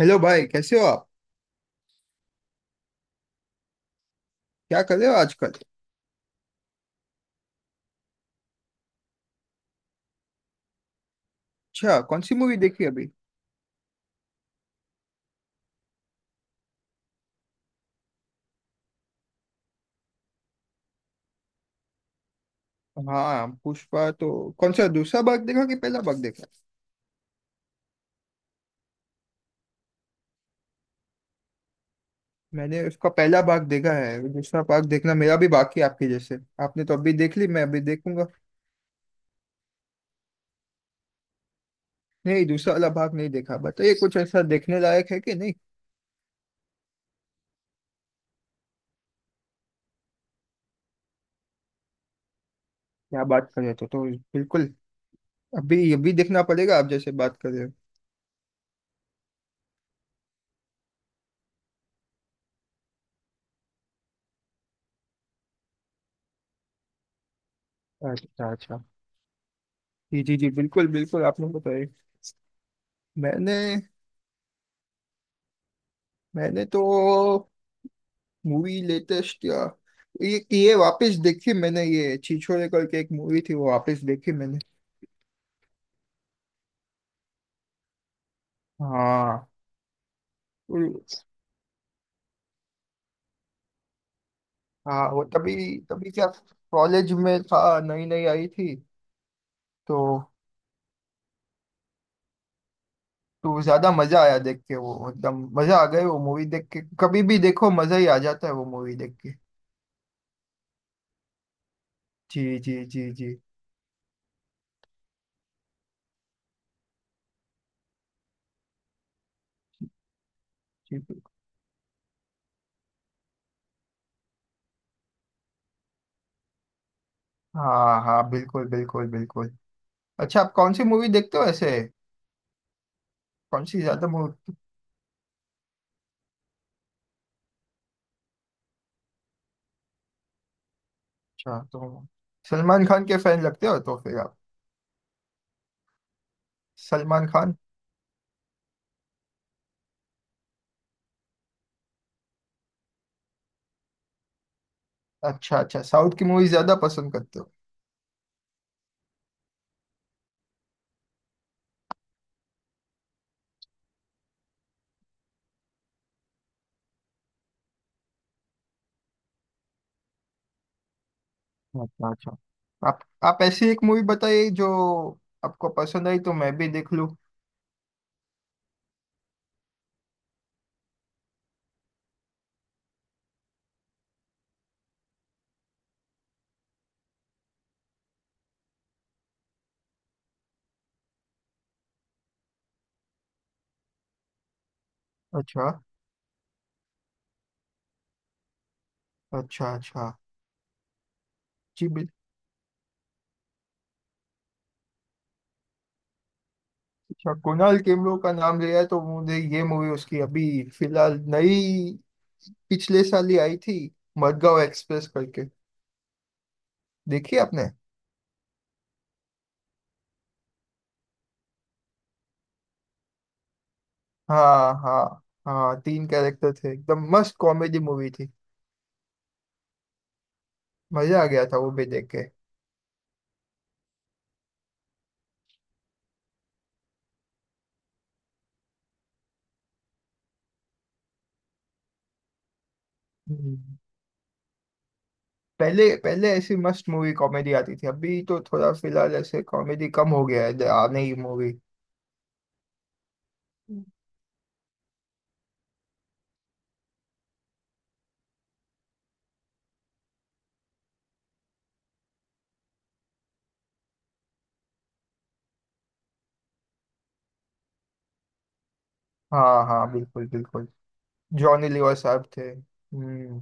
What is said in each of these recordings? Hello भाई। कैसे हो आप? क्या कर रहे हो आजकल? अच्छा, कौन सी मूवी देखी अभी? हाँ, पुष्पा तो। कौन सा दूसरा भाग देखा कि पहला भाग देखा? मैंने उसका पहला भाग देखा है, दूसरा भाग देखना मेरा भी बाकी है, आपके जैसे। आपने तो अभी देख ली, मैं अभी देखूंगा। नहीं, दूसरा वाला भाग नहीं देखा। बताइए, कुछ ऐसा देखने लायक है कि नहीं? क्या बात कर रहे थे! तो बिल्कुल। अभी अभी देखना पड़ेगा, आप जैसे बात कर रहे हो। अच्छा अच्छा, जी जी जी, बिल्कुल बिल्कुल, आपने बताया। मैंने मैंने तो मूवी लेटेस्ट, या ये वापस देखी मैंने, ये छिछोरे करके एक मूवी थी, वो वापस देखी मैंने। हाँ वो- हाँ, वो तभी, तभी क्या, कॉलेज में था, नई नई आई थी। तो तो ज्यादा मजा आया देख के, वो एकदम मजा आ गई वो मूवी देख के। कभी भी देखो मजा ही आ जाता है वो मूवी देख के। जी जी जी जी जी, हाँ हाँ, बिल्कुल बिल्कुल बिल्कुल। अच्छा, आप कौन सी मूवी देखते हो ऐसे? कौन सी ज्यादा मूवी? अच्छा, तो सलमान खान के फैन लगते हो तो फिर आप? सलमान खान। अच्छा अच्छा, साउथ की मूवी ज्यादा पसंद करते हो? अच्छा अच्छा। आप आप ऐसी एक मूवी बताइए जो आपको पसंद आई, तो मैं भी देख लूं। अच्छा अच्छा अच्छा, जी बिल्कुल। अच्छा, कुणाल खेमरो का नाम लिया है तो मुझे ये मूवी उसकी अभी, फिलहाल नई, पिछले साल ही आई थी, मडगांव एक्सप्रेस करके। देखी आपने? हाँ हाँ हाँ, तीन कैरेक्टर थे, एकदम मस्त कॉमेडी मूवी थी। मजा आ गया था वो भी देख के। हम्म। पहले पहले ऐसी मस्त मूवी कॉमेडी आती थी, अभी तो थोड़ा फिलहाल ऐसे कॉमेडी कम हो गया है, आ नहीं मूवी। हाँ हाँ, बिल्कुल बिल्कुल। जॉनी लीवर साहब थे। हम्म।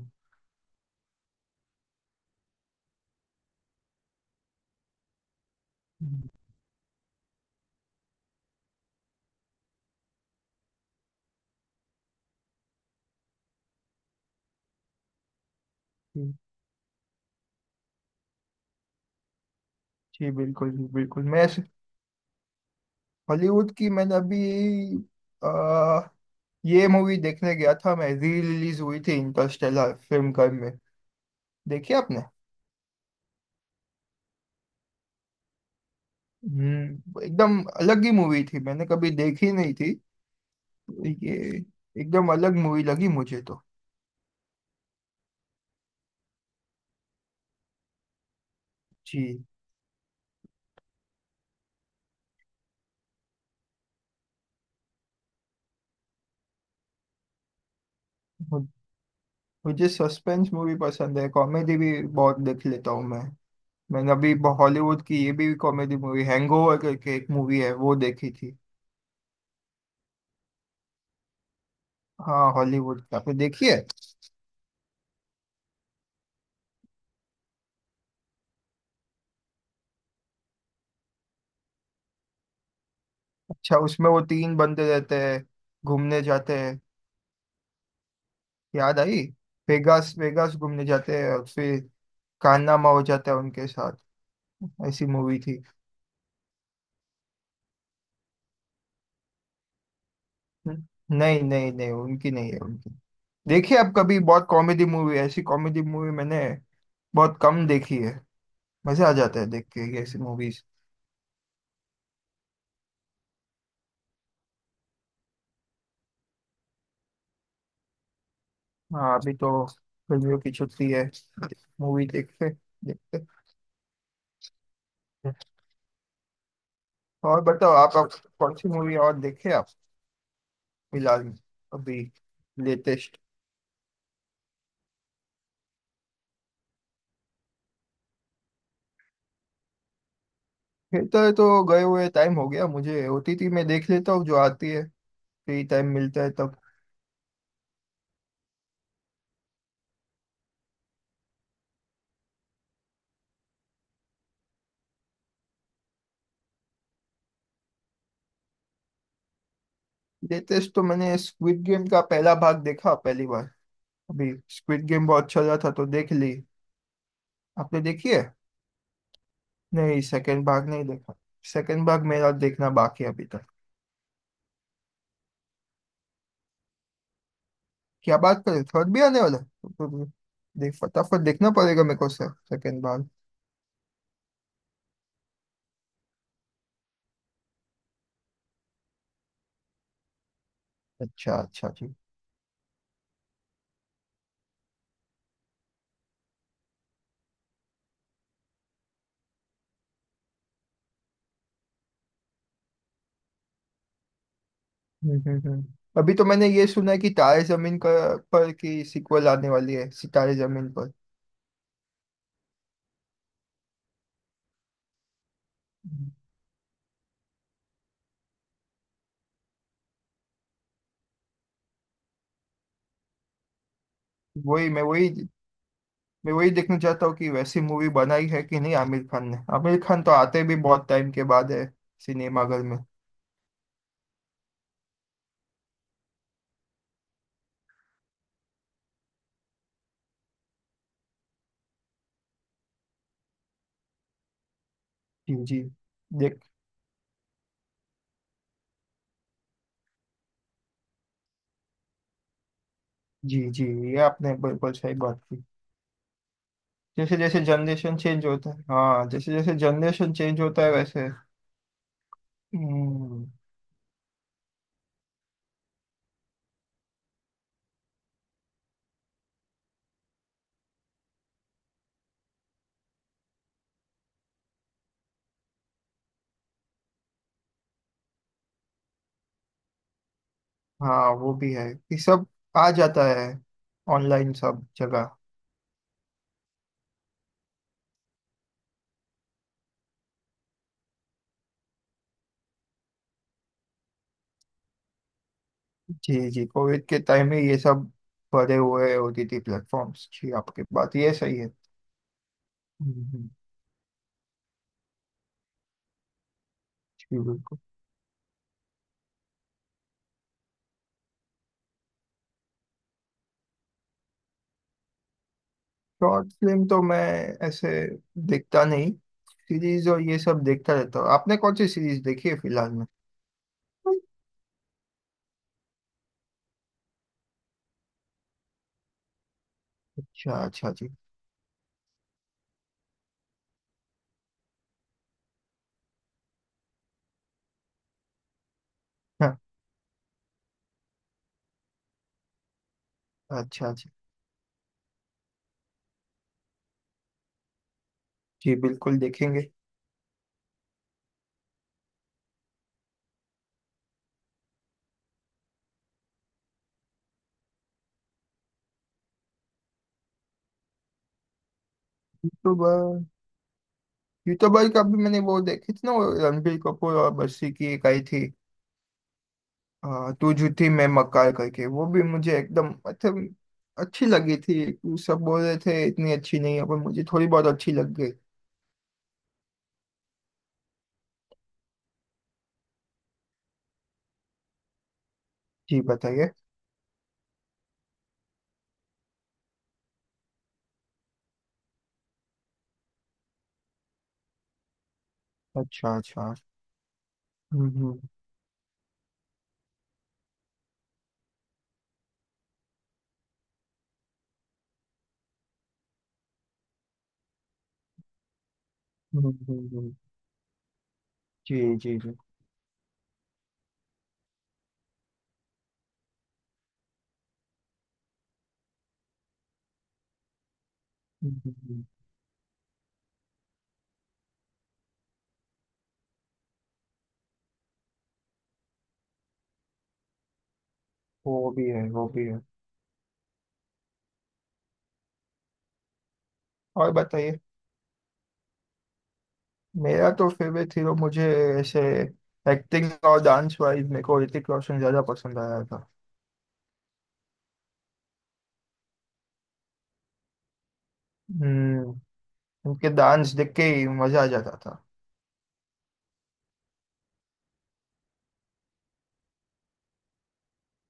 जी जी, बिल्कुल जी बिल्कुल। मैं हॉलीवुड की, मैंने अभी आ, ये मूवी देखने गया था, मैं री रिलीज हुई थी, इंटरस्टेलर फिल्म घर में। देखी आपने? एकदम अलग ही मूवी थी, मैंने कभी देखी नहीं थी ये। एकदम अलग मूवी लगी मुझे तो। जी। मुझे सस्पेंस मूवी पसंद है, कॉमेडी भी बहुत देख लेता हूँ मैं। मैंने अभी हॉलीवुड की ये भी कॉमेडी मूवी, हैंगओवर करके एक मूवी है, वो देखी थी। हाँ, हॉलीवुड की। आपने देखी है? अच्छा, उसमें वो तीन बंदे रहते हैं, घूमने जाते हैं। याद आई, वेगास वेगास घूमने जाते हैं और फिर कारनामा हो जाता है उनके साथ। ऐसी मूवी थी। नहीं नहीं नहीं, उनकी नहीं है, उनकी। देखिए आप कभी, बहुत कॉमेडी मूवी, ऐसी कॉमेडी मूवी मैंने बहुत कम देखी है। मजे आ जाते हैं देख के ये ऐसी मूवीज। हाँ, अभी तो गर्मियों की छुट्टी है। मूवी देखते देखते। और बताओ, आप कौन सी मूवी और देखे आप फिलहाल में? अभी, लेटेस्ट। थिएटर तो गए हुए टाइम हो गया मुझे, ओटीटी में देख लेता हूँ जो आती है, फ्री टाइम मिलता है तब। लेटेस्ट तो मैंने स्क्विड गेम का पहला भाग देखा, पहली बार। अभी स्क्विड गेम बहुत चल रहा था तो देख ली। आपने देखी है? नहीं, सेकंड भाग नहीं देखा। सेकंड भाग मेरा देखना बाकी है अभी। क्या बात कर रहे, थर्ड भी आने वाला है तो? फिर देख, फटाफट देखना पड़ेगा मेरे को, सर। सेकंड बार। अच्छा अच्छा, जी। हम्म हम्म हम्म। अभी तो मैंने ये सुना है कि तारे जमीन पर की सीक्वल आने वाली है, सितारे जमीन पर। हम्म। वही मैं वही मैं वही देखना चाहता हूँ कि वैसी मूवी बनाई है कि नहीं, आमिर खान ने। आमिर खान तो आते भी बहुत टाइम के बाद है, सिनेमाघर में। जी जी, देख, जी जी, ये आपने बिल्कुल सही बात की। जैसे जैसे जनरेशन चेंज होता है, हाँ, जैसे जैसे जनरेशन चेंज होता है, वैसे। हम्म। हाँ, वो भी है। ये सब आ जाता है ऑनलाइन, सब जगह। जी जी, कोविड के टाइम में ये सब बड़े हुए, होती थी प्लेटफॉर्म्स। जी, आपकी बात ये सही है। हम्म। जी बिल्कुल। शॉर्ट फिल्म तो मैं ऐसे देखता नहीं, सीरीज और ये सब देखता रहता हूँ। आपने कौन सी सीरीज देखी है फिलहाल में? अच्छा अच्छा, जी, हाँ। अच्छा अच्छा, जी बिल्कुल, देखेंगे। यूट्यूबर यूट्यूबर का भी मैंने वो देखी थी ना, वो रणबीर कपूर और बस्सी की एक आई थी। हाँ, तू झूठी मैं मक्कार करके, वो भी मुझे एकदम, मतलब अच्छी लगी थी। तू, सब बोल रहे थे इतनी अच्छी नहीं है, पर मुझे थोड़ी बहुत अच्छी लग गई। जी, बताइए। अच्छा अच्छा। हम्म हम्म हम्म। जी जी जी। हम्म, हम्म। वो भी है, वो भी है। और बताइए। मेरा तो फेवरेट हीरो, मुझे ऐसे एक्टिंग और डांस वाइज मेरे को ऋतिक रोशन ज्यादा पसंद आया था। हम्म। उनके डांस देख के ही मजा आ जाता था।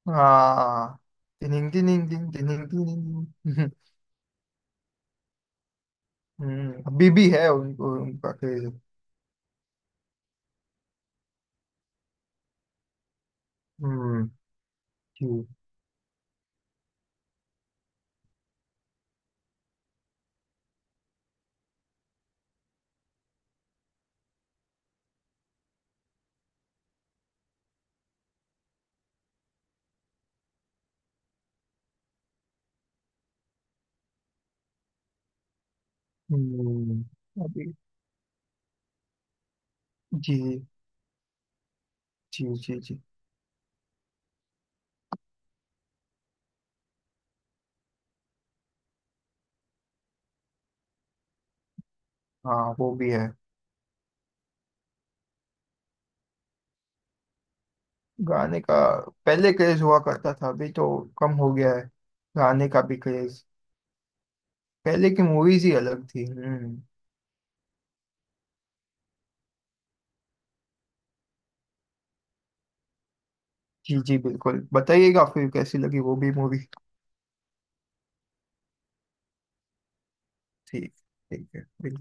हाँ, टिनिंग टिनिंग टिनिंग टिनिंग टिनिंग। अभी भी है उनको उनका क्रेज। हम्म। जी। हम्म। अभी। जी जी जी जी। हाँ, वो भी है। गाने का पहले क्रेज हुआ करता था, अभी तो कम हो गया है गाने का भी क्रेज। पहले की मूवीज ही अलग थी। हम्म। जी जी बिल्कुल, बताइएगा फिर कैसी लगी वो भी मूवी। ठीक, ठीक है, बिल्कुल।